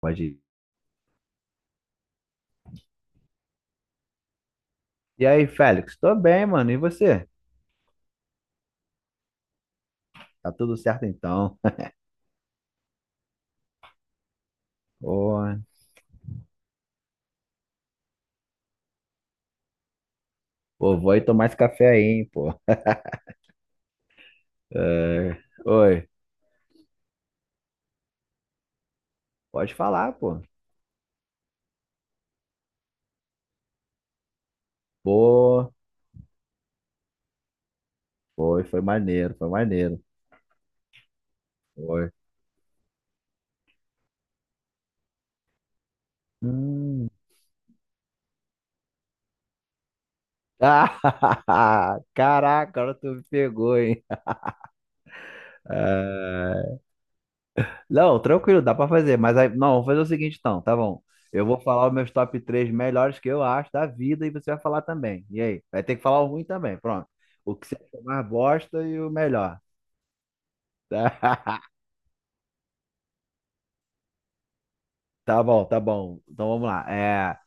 Pode ir. E aí, Félix? Tô bem, mano. E você? Tá tudo certo então? Ô, pô, vou aí tomar esse café aí, hein, pô. É, oi, pode falar, pô. Pô, foi maneiro, foi maneiro. Foi. Hum. Ah, caraca, agora tu me pegou, hein? Não, tranquilo, dá pra fazer. Mas aí, não, vou fazer o seguinte então, tá bom. Eu vou falar os meus top três melhores que eu acho da vida e você vai falar também. E aí? Vai ter que falar o ruim também, pronto. O que você achou mais bosta e o melhor. Tá, tá bom, tá bom. Então vamos lá. É,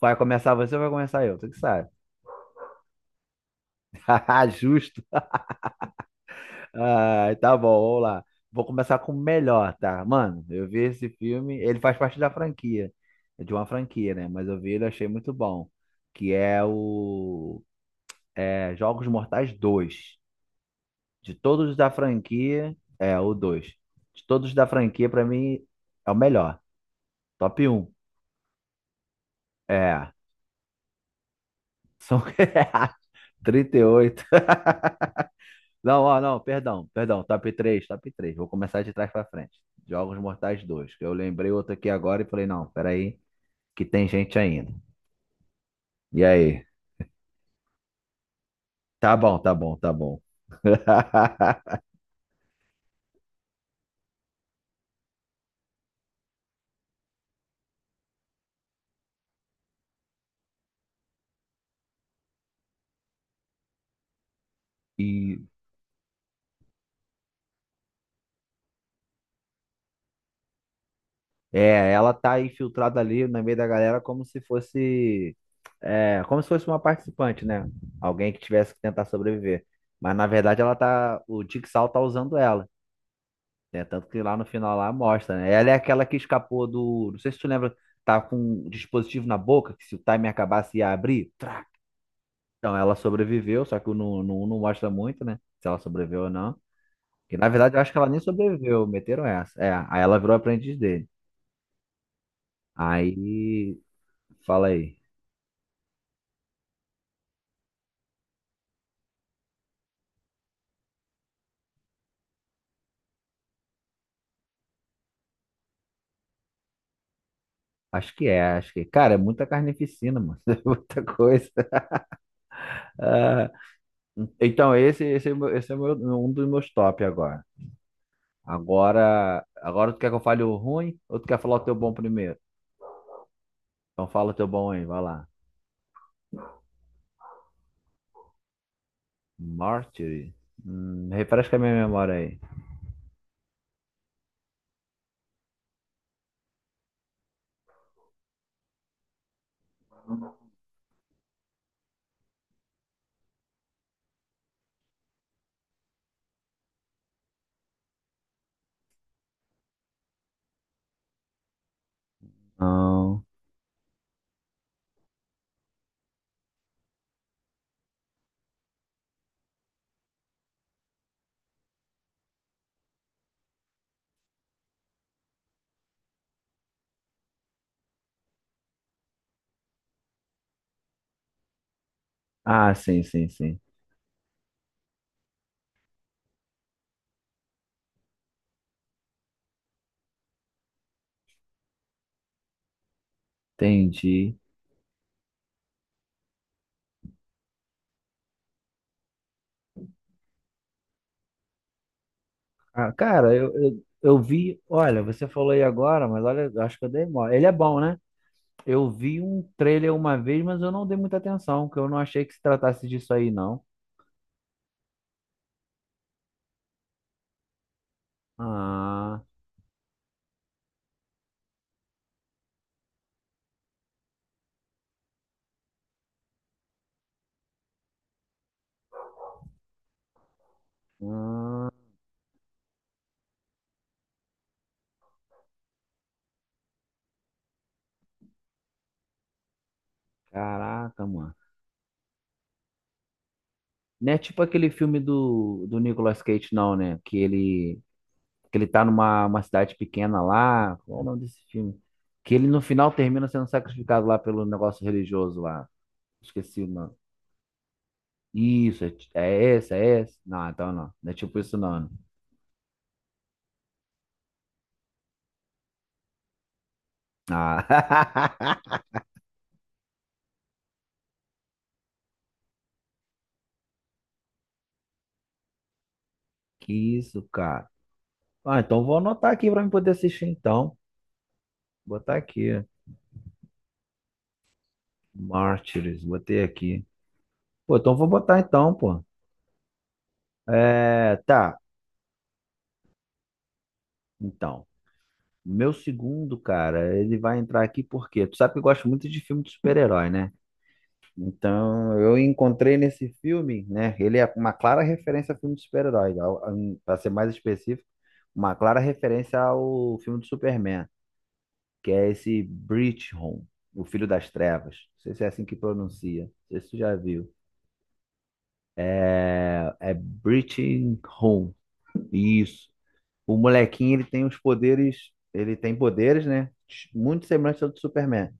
vai começar você ou vai começar eu? Tu que sabe. Justo. Ah, tá bom, vamos lá. Vou começar com o melhor, tá? Mano, eu vi esse filme, ele faz parte da franquia, de uma franquia, né? Mas eu vi ele e achei muito bom, que é o é, Jogos Mortais dois, de todos da franquia, é o 2. De todos da franquia, pra mim, é o melhor. Top um. É. São 38. Não, ó, não, perdão, perdão. Top 3, top 3. Vou começar de trás pra frente. Jogos Mortais dois. Que Eu lembrei outro aqui agora e falei, não, peraí, que tem gente ainda. E aí? Tá bom, tá bom, tá bom. E ela tá infiltrada ali no meio da galera como se fosse, como se fosse uma participante, né? Alguém que tivesse que tentar sobreviver. Mas na verdade ela tá, o Jigsaw tá usando ela, né? Tanto que lá no final lá mostra, né? Ela é aquela que escapou do, não sei se tu lembra, tá com um dispositivo na boca que se o timer acabasse ia abrir. Trá! Então ela sobreviveu, só que o não, não, não mostra muito, né? Se ela sobreviveu ou não. Que na verdade eu acho que ela nem sobreviveu, meteram essa. É, aí ela virou aprendiz dele. Aí, fala aí. Acho que é, acho que. Cara, é muita carnificina, mano. É muita coisa. Ah, então, esse é o meu- um dos meus top agora. Agora, agora tu quer que eu fale o ruim ou tu quer falar o teu bom primeiro? Então fala o teu bom aí, vai lá. Martyr? Refresca a minha memória aí. Não. Ah, sim, sim, sim. Entendi. Ah, cara, eu vi. Olha, você falou aí agora, mas olha, eu acho que eu dei mole. Ele é bom, né? Eu vi um trailer uma vez, mas eu não dei muita atenção, porque eu não achei que se tratasse disso aí, não. Ah, caraca, mano. Não é tipo aquele filme do Nicolas Cage, não, né? Que ele tá numa uma cidade pequena lá. Qual é o nome desse filme? Que ele no final termina sendo sacrificado lá pelo negócio religioso lá. Esqueci, mano. Isso, é, é esse, é esse? Não, então não. Não é tipo isso, não, né? Ah, que isso, cara. Ah, então vou anotar aqui pra mim poder assistir, então. Botar aqui. Mártires, botei aqui. Pô, então vou botar então, pô. É, tá, então. Meu segundo, cara, ele vai entrar aqui porque tu sabe que eu gosto muito de filme de super-herói, né? Então, eu encontrei nesse filme, né? Ele é uma clara referência a filme de super-herói, pra ser mais específico, uma clara referência ao filme do Superman, que é esse Home, o Filho das Trevas. Não sei se é assim que pronuncia. Não sei se tu já viu. É Home. Isso. O molequinho, ele tem os poderes, ele tem poderes, né? Muito semelhante ao do Superman,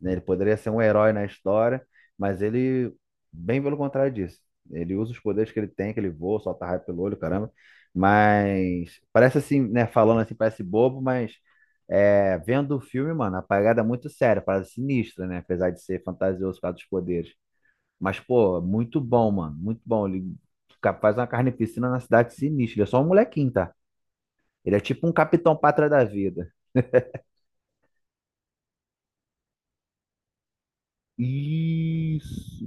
né? Ele poderia ser um herói na história, mas ele, bem pelo contrário disso. Ele usa os poderes que ele tem, que ele voa, solta raio pelo olho, caramba. Mas parece assim, né? Falando assim, parece bobo, mas vendo o filme, mano, a parada é muito séria, parada sinistra, né? Apesar de ser fantasioso por causa dos poderes. Mas, pô, muito bom, mano, muito bom. Ele faz uma carneficina na cidade sinistra. Ele é só um molequinho, tá? Ele é tipo um Capitão Pátria da vida. Isso.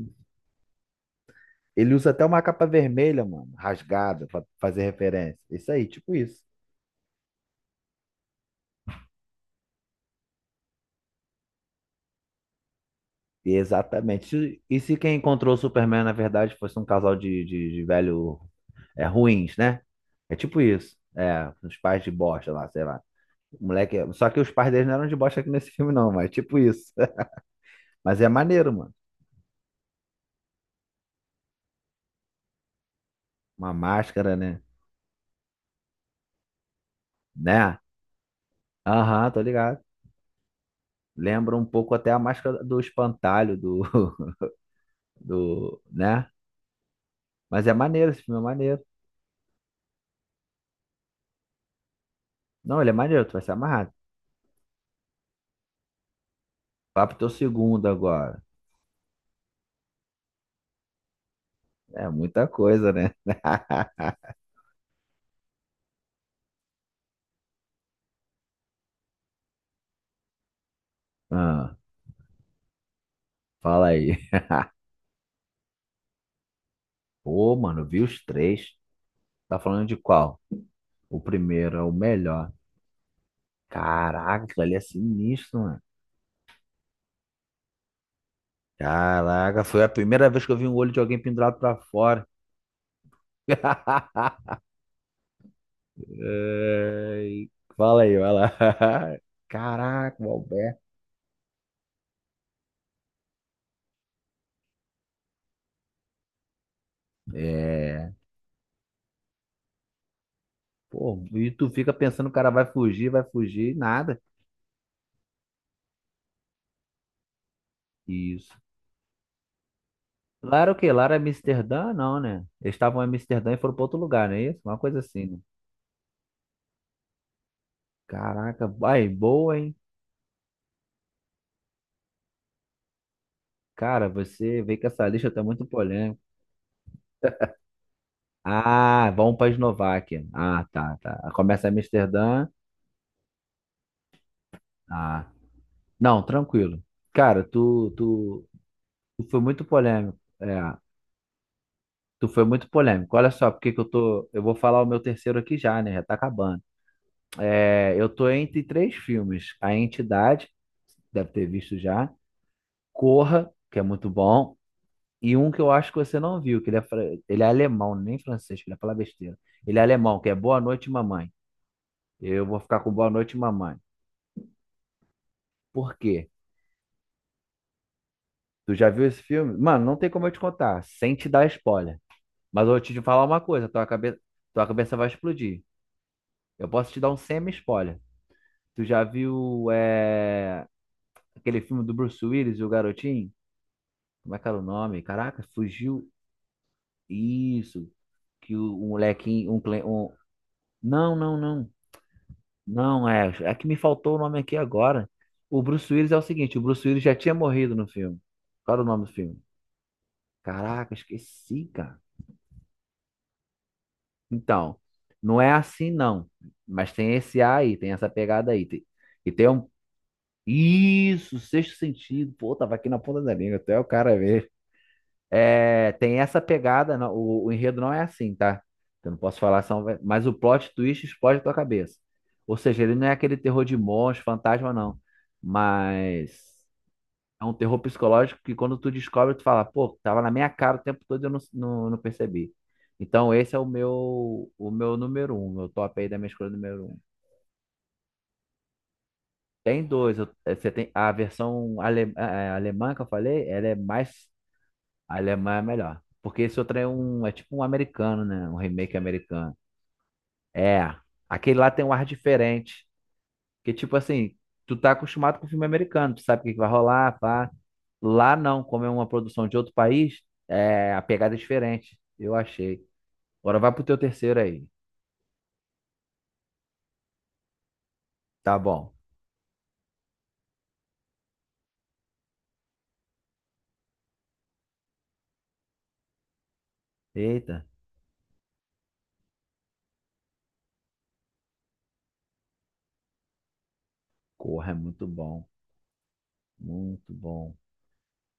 Ele usa até uma capa vermelha, mano, rasgada, pra fazer referência. Isso aí, tipo isso. Exatamente. E se quem encontrou o Superman, na verdade, fosse um casal de velho ruins, né? É tipo isso. É, os pais de bosta lá, sei lá. O moleque. Só que os pais deles não eram de bosta aqui nesse filme, não, mas é tipo isso. Mas é maneiro, mano. Uma máscara, né? Né? Aham, tô ligado. Lembra um pouco até a máscara do espantalho do, né? Mas é maneiro, esse filme é maneiro. Não, ele é maneiro, tu vai se amarrar. Vá pro teu segundo agora. É muita coisa, né? Ah, fala aí. Pô, mano, vi os três. Tá falando de qual? O primeiro é o melhor. Caraca, aquilo ali é sinistro, mano. Caraca, foi a primeira vez que eu vi um olho de alguém pendurado pra fora. Ai, fala aí, vai lá. Caraca, o Alberto. É. Pô, e tu fica pensando, o cara vai fugir, nada. Isso. Lá era o quê? Lá era Amsterdã? Não, né? Eles estavam em Amsterdã e foram para outro lugar, não é isso? Uma coisa assim, né? Caraca, vai, boa, hein? Cara, você vê que essa lista tá muito polêmica. Ah, vamos para Eslováquia. Ah, tá, tá. Começa em Amsterdã. Ah, não, tranquilo. Cara, tu foi muito polêmico. É, tu foi muito polêmico. Olha só, porque que eu tô. Eu vou falar o meu terceiro aqui já, né? Já tá acabando. É, eu tô entre três filmes: A Entidade, deve ter visto já, Corra, que é muito bom, e um que eu acho que você não viu, que ele é, ele é alemão, nem francês, que ele falar besteira. Ele é alemão, que é Boa Noite, Mamãe. Eu vou ficar com Boa Noite, Mamãe. Por quê? Tu já viu esse filme? Mano, não tem como eu te contar, sem te dar spoiler. Mas eu vou te falar uma coisa, tua cabeça vai explodir. Eu posso te dar um semi-spoiler. Tu já viu aquele filme do Bruce Willis e o Garotinho? Como é que era o nome? Caraca, fugiu. Isso. Que o molequinho. Não, não, não. Não, é. É que me faltou o nome aqui agora. O Bruce Willis é o seguinte: o Bruce Willis já tinha morrido no filme. Qual era o nome do filme? Caraca, esqueci, cara. Então, não é assim, não. Mas tem esse A aí, tem essa pegada aí. E tem um. Isso, sexto sentido. Pô, tava aqui na ponta da língua, até o cara ver. É, tem essa pegada, o enredo não é assim, tá? Eu não posso falar, são, mas o plot twist explode a tua cabeça. Ou seja, ele não é aquele terror de monstro, fantasma, não. Mas é um terror psicológico que quando tu descobre, tu fala, pô, tava na minha cara o tempo todo e eu não percebi. Então esse é o meu número um, meu top aí da minha escolha número um. Tem dois, você tem a versão alemã que eu falei, ela é mais. A alemã é melhor. Porque esse outro é um, é tipo um americano, né? Um remake americano. É, aquele lá tem um ar diferente. Que tipo assim, tu tá acostumado com filme americano, tu sabe o que que vai rolar, pá. Lá não, como é uma produção de outro país, a pegada é diferente. Eu achei. Agora vai pro teu terceiro aí. Tá bom. Eita, corra, é muito bom. Muito bom.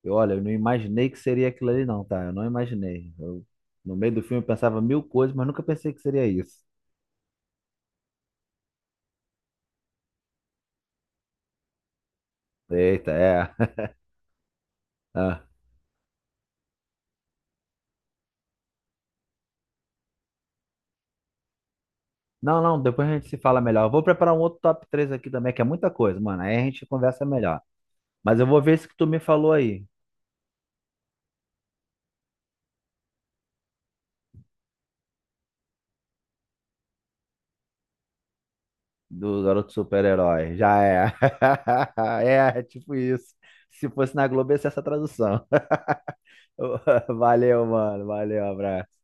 Eu, olha, eu não imaginei que seria aquilo ali, não, tá? Eu não imaginei. No meio do filme eu pensava mil coisas, mas nunca pensei que seria isso. Eita, é. Ah. Não, não, depois a gente se fala melhor. Eu vou preparar um outro top 3 aqui também, que é muita coisa, mano. Aí a gente conversa melhor. Mas eu vou ver esse que tu me falou aí, do garoto super-herói. Já é. É tipo isso. Se fosse na Globo, ia ser essa tradução. Valeu, mano. Valeu, abraço.